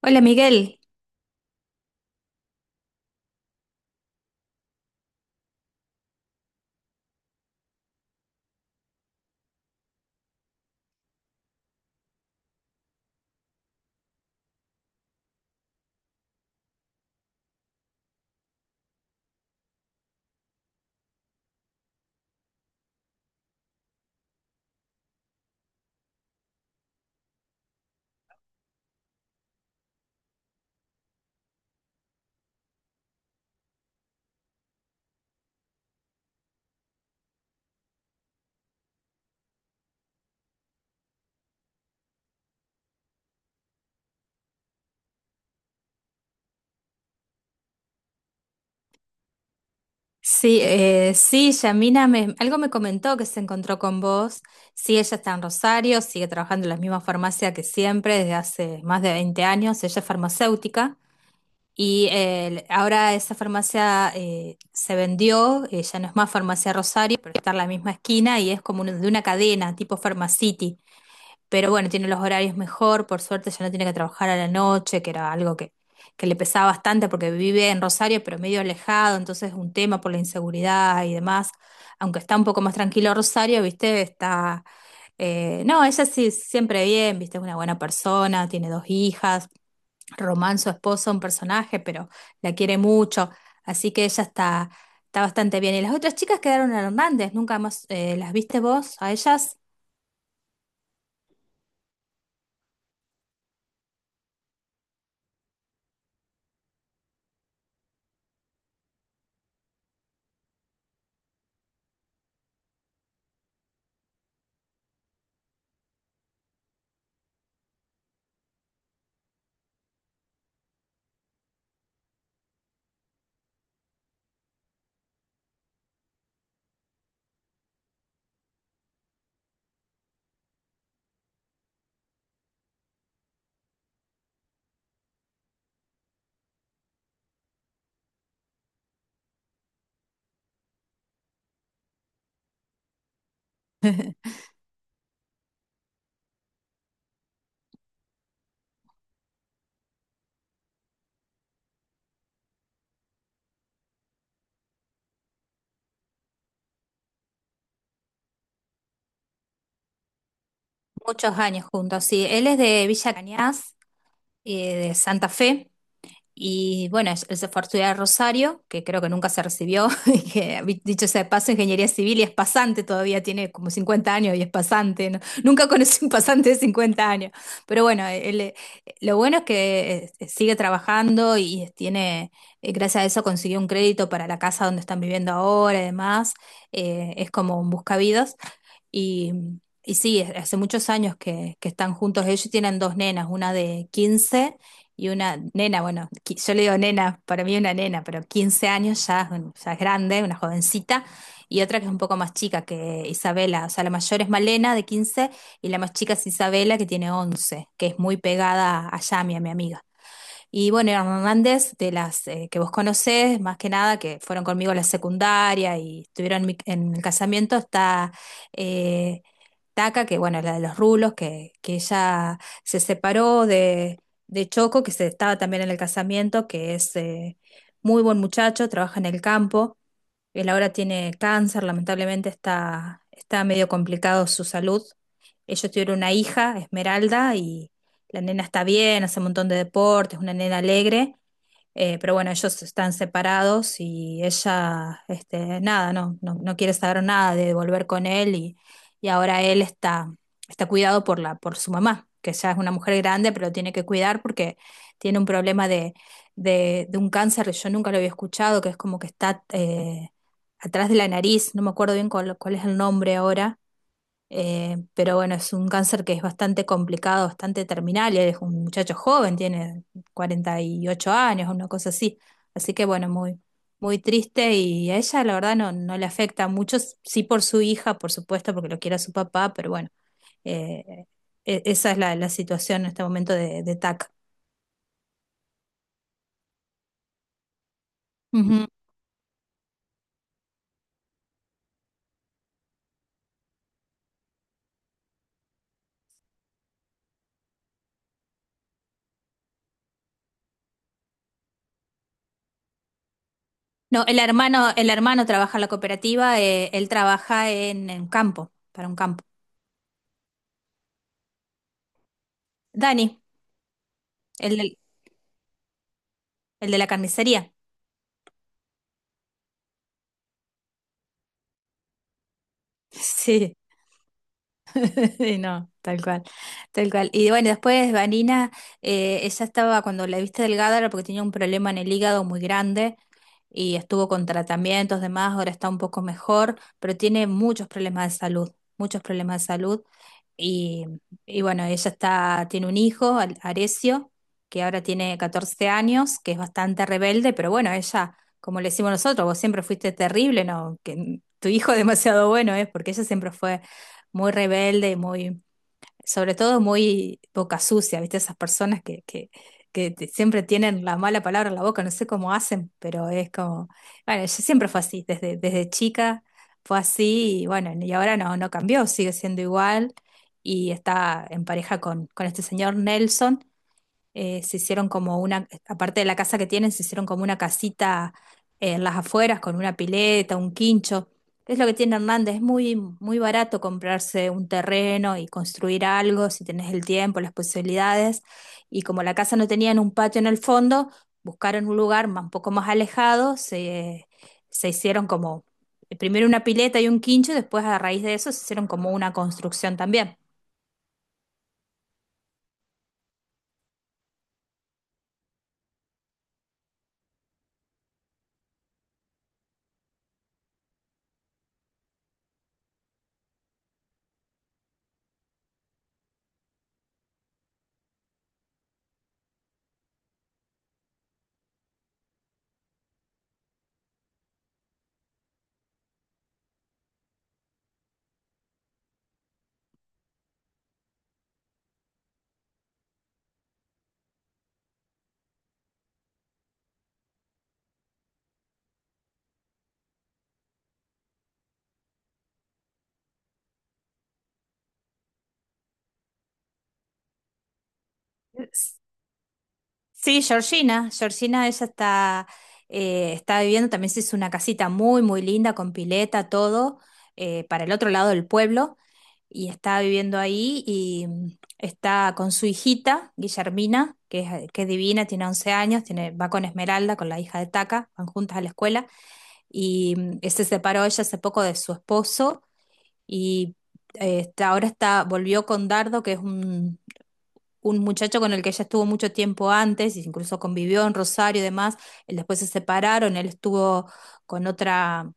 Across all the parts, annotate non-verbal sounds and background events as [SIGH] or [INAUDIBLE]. Hola Miguel, sí, sí, Yamina algo me comentó que se encontró con vos. Sí, ella está en Rosario, sigue trabajando en la misma farmacia que siempre desde hace más de 20 años. Ella es farmacéutica y ahora esa farmacia se vendió, ya no es más farmacia Rosario, pero está en la misma esquina y es como de una cadena tipo Farmacity. Pero bueno, tiene los horarios mejor, por suerte ya no tiene que trabajar a la noche, que era algo que le pesaba bastante porque vive en Rosario, pero medio alejado, entonces es un tema por la inseguridad y demás. Aunque está un poco más tranquilo Rosario, viste, no, ella sí, siempre bien, viste, es una buena persona, tiene dos hijas. Román, su esposo, un personaje, pero la quiere mucho, así que ella está bastante bien. Y las otras chicas quedaron en Hernández, nunca más, ¿las viste vos a ellas? Muchos años juntos, sí. Él es de Villa Cañas, de Santa Fe. Y bueno, él se fue a estudiar a Rosario, que creo que nunca se recibió, [LAUGHS] y dicho sea de paso, ingeniería civil y es pasante todavía, tiene como 50 años y es pasante, ¿no? [LAUGHS] Nunca conocí un pasante de 50 años, pero bueno, él, lo bueno es que sigue trabajando y tiene, gracias a eso consiguió un crédito para la casa donde están viviendo ahora y demás. Es como un buscavidas. Y, y sí, hace muchos años que están juntos. Ellos tienen dos nenas, una de 15 y una nena, bueno, yo le digo nena, para mí una nena, pero 15 años ya, ya es grande, una jovencita. Y otra que es un poco más chica que Isabela. O sea, la mayor es Malena de 15 y la más chica es Isabela que tiene 11, que es muy pegada a Yami, a mi amiga. Y bueno, eran Hernández, de las que vos conocés, más que nada, que fueron conmigo a la secundaria y estuvieron en el casamiento, está eh, Taca, que bueno, la de los rulos, que ella se separó de Choco, que se estaba también en el casamiento, que es muy buen muchacho, trabaja en el campo. Él ahora tiene cáncer, lamentablemente está medio complicado su salud. Ellos tuvieron una hija, Esmeralda, y la nena está bien, hace un montón de deportes, una nena alegre, pero bueno, ellos están separados y ella, este, nada, no, no, no quiere saber nada de volver con él y ahora él está cuidado por su mamá, que ya es una mujer grande, pero lo tiene que cuidar porque tiene un problema de un cáncer que yo nunca lo había escuchado, que es como que está atrás de la nariz, no me acuerdo bien cuál es el nombre ahora, pero bueno, es un cáncer que es bastante complicado, bastante terminal. Y él es un muchacho joven, tiene 48 años, una cosa así. Así que bueno, muy, muy triste y a ella la verdad no, no le afecta mucho, sí por su hija, por supuesto, porque lo quiere a su papá, pero bueno, eh, esa es la situación en este momento de TAC. Ujú. No, el hermano trabaja en la cooperativa, él trabaja en campo, para un campo. Dani, el del- el de la carnicería. [LAUGHS] Sí, [LAUGHS] sí, no, tal cual, tal cual. Y bueno, después Vanina, ella estaba, cuando la viste delgada era porque tenía un problema en el hígado muy grande y estuvo con tratamientos, demás, ahora está un poco mejor, pero tiene muchos problemas de salud, muchos problemas de salud. Y, y bueno, ella está, tiene un hijo, Arecio, que ahora tiene 14 años, que es bastante rebelde, pero bueno, ella, como le decimos nosotros, vos siempre fuiste terrible, ¿no? Que tu hijo [LAUGHS] demasiado bueno es, porque ella siempre fue muy rebelde, muy, sobre todo muy boca sucia, ¿viste? Esas personas que siempre tienen la mala palabra en la boca, no sé cómo hacen, pero es como, bueno, yo siempre fue así, desde chica fue así. Y bueno, y ahora no, no cambió, sigue siendo igual y está en pareja con este señor Nelson, se hicieron como una, aparte de la casa que tienen, se hicieron como una casita en las afueras con una pileta, un quincho. Es lo que tiene Hernández, es muy, muy barato comprarse un terreno y construir algo si tenés el tiempo, las posibilidades. Y como la casa no tenía un patio en el fondo, buscaron un lugar un poco más alejado, se hicieron como primero una pileta y un quincho, y después a raíz de eso se hicieron como una construcción también. Sí, Georgina, Georgina, ella está, está viviendo, también se hizo una casita muy, muy linda, con pileta, todo, para el otro lado del pueblo, y está viviendo ahí y está con su hijita, Guillermina, que es divina, tiene 11 años, tiene, va con Esmeralda, con la hija de Taca, van juntas a la escuela, y se separó ella hace poco de su esposo, y ahora está, volvió con Dardo, que es un muchacho con el que ella estuvo mucho tiempo antes, y incluso convivió en Rosario y demás, él después se separaron, él estuvo con otra,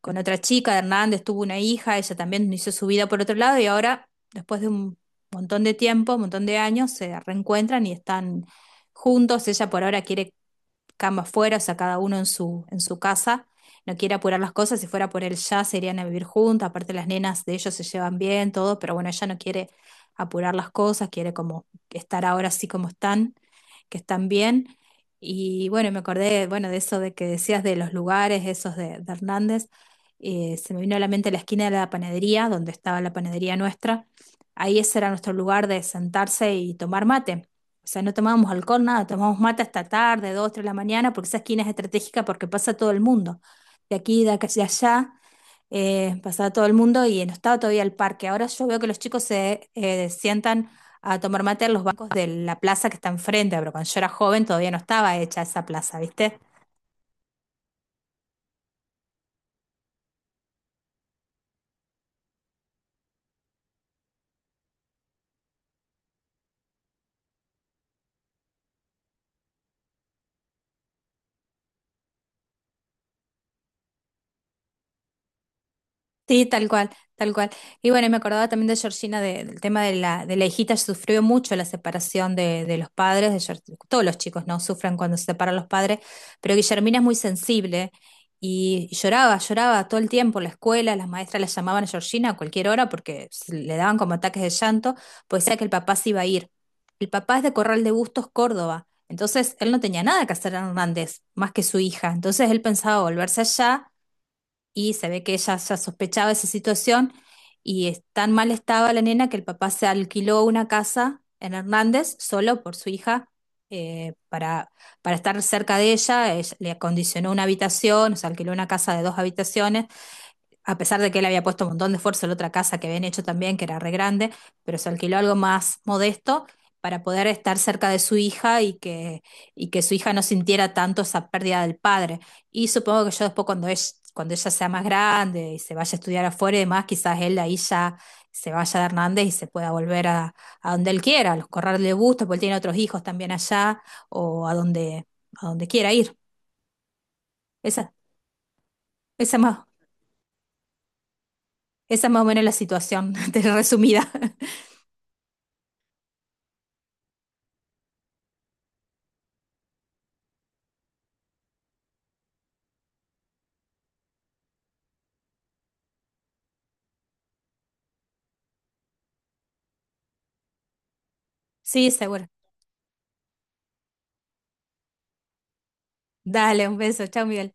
con otra chica, de Hernández tuvo una hija, ella también hizo su vida por otro lado, y ahora, después de un montón de tiempo, un montón de años, se reencuentran y están juntos. Ella por ahora quiere cama afuera, o sea, cada uno en su casa. No quiere apurar las cosas, si fuera por él ya se irían a vivir juntas, aparte las nenas de ellos se llevan bien, todo, pero bueno, ella no quiere apurar las cosas, quiere como estar ahora así como están, que están bien. Y bueno, me acordé, bueno, de eso de que decías de los lugares, esos de Hernández. Se me vino a la mente la esquina de la panadería, donde estaba la panadería nuestra. Ahí ese era nuestro lugar de sentarse y tomar mate. O sea, no tomábamos alcohol, nada, tomábamos mate hasta tarde, dos, tres de la mañana, porque esa esquina es estratégica porque pasa todo el mundo. De aquí, de acá, de allá, pasaba todo el mundo y no estaba todavía el parque. Ahora yo veo que los chicos se sientan a tomar mate en los bancos de la plaza que está enfrente, pero cuando yo era joven todavía no estaba hecha esa plaza, ¿viste? Sí, tal cual, tal cual. Y bueno, y me acordaba también de Georgina, del tema de la hijita, sufrió mucho la separación de los padres, todos los chicos no sufren cuando se separan los padres, pero Guillermina es muy sensible y lloraba, lloraba todo el tiempo en la escuela, las maestras la llamaban a Georgina a cualquier hora porque le daban como ataques de llanto, pues decía que el papá se iba a ir. El papá es de Corral de Bustos, Córdoba, entonces él no tenía nada que hacer en Hernández, más que su hija, entonces él pensaba volverse allá y se ve que ella ya sospechaba esa situación y tan mal estaba la nena que el papá se alquiló una casa en Hernández solo por su hija, eh, para, para estar cerca de ella. Le acondicionó una habitación, se alquiló una casa de dos habitaciones a pesar de que él había puesto un montón de esfuerzo en la otra casa que habían hecho también, que era re grande, pero se alquiló algo más modesto para poder estar cerca de su hija y que su hija no sintiera tanto esa pérdida del padre. Y supongo que yo después cuando ella sea más grande y se vaya a estudiar afuera y demás, quizás él ahí ya se vaya de Hernández y se pueda volver a donde él quiera, a los corrales de gusto, porque él tiene otros hijos también allá, o a donde quiera ir. Esa, esa más, Esa más o menos la situación [LAUGHS] resumida. Sí, seguro. Dale, un beso. Chao, Miguel.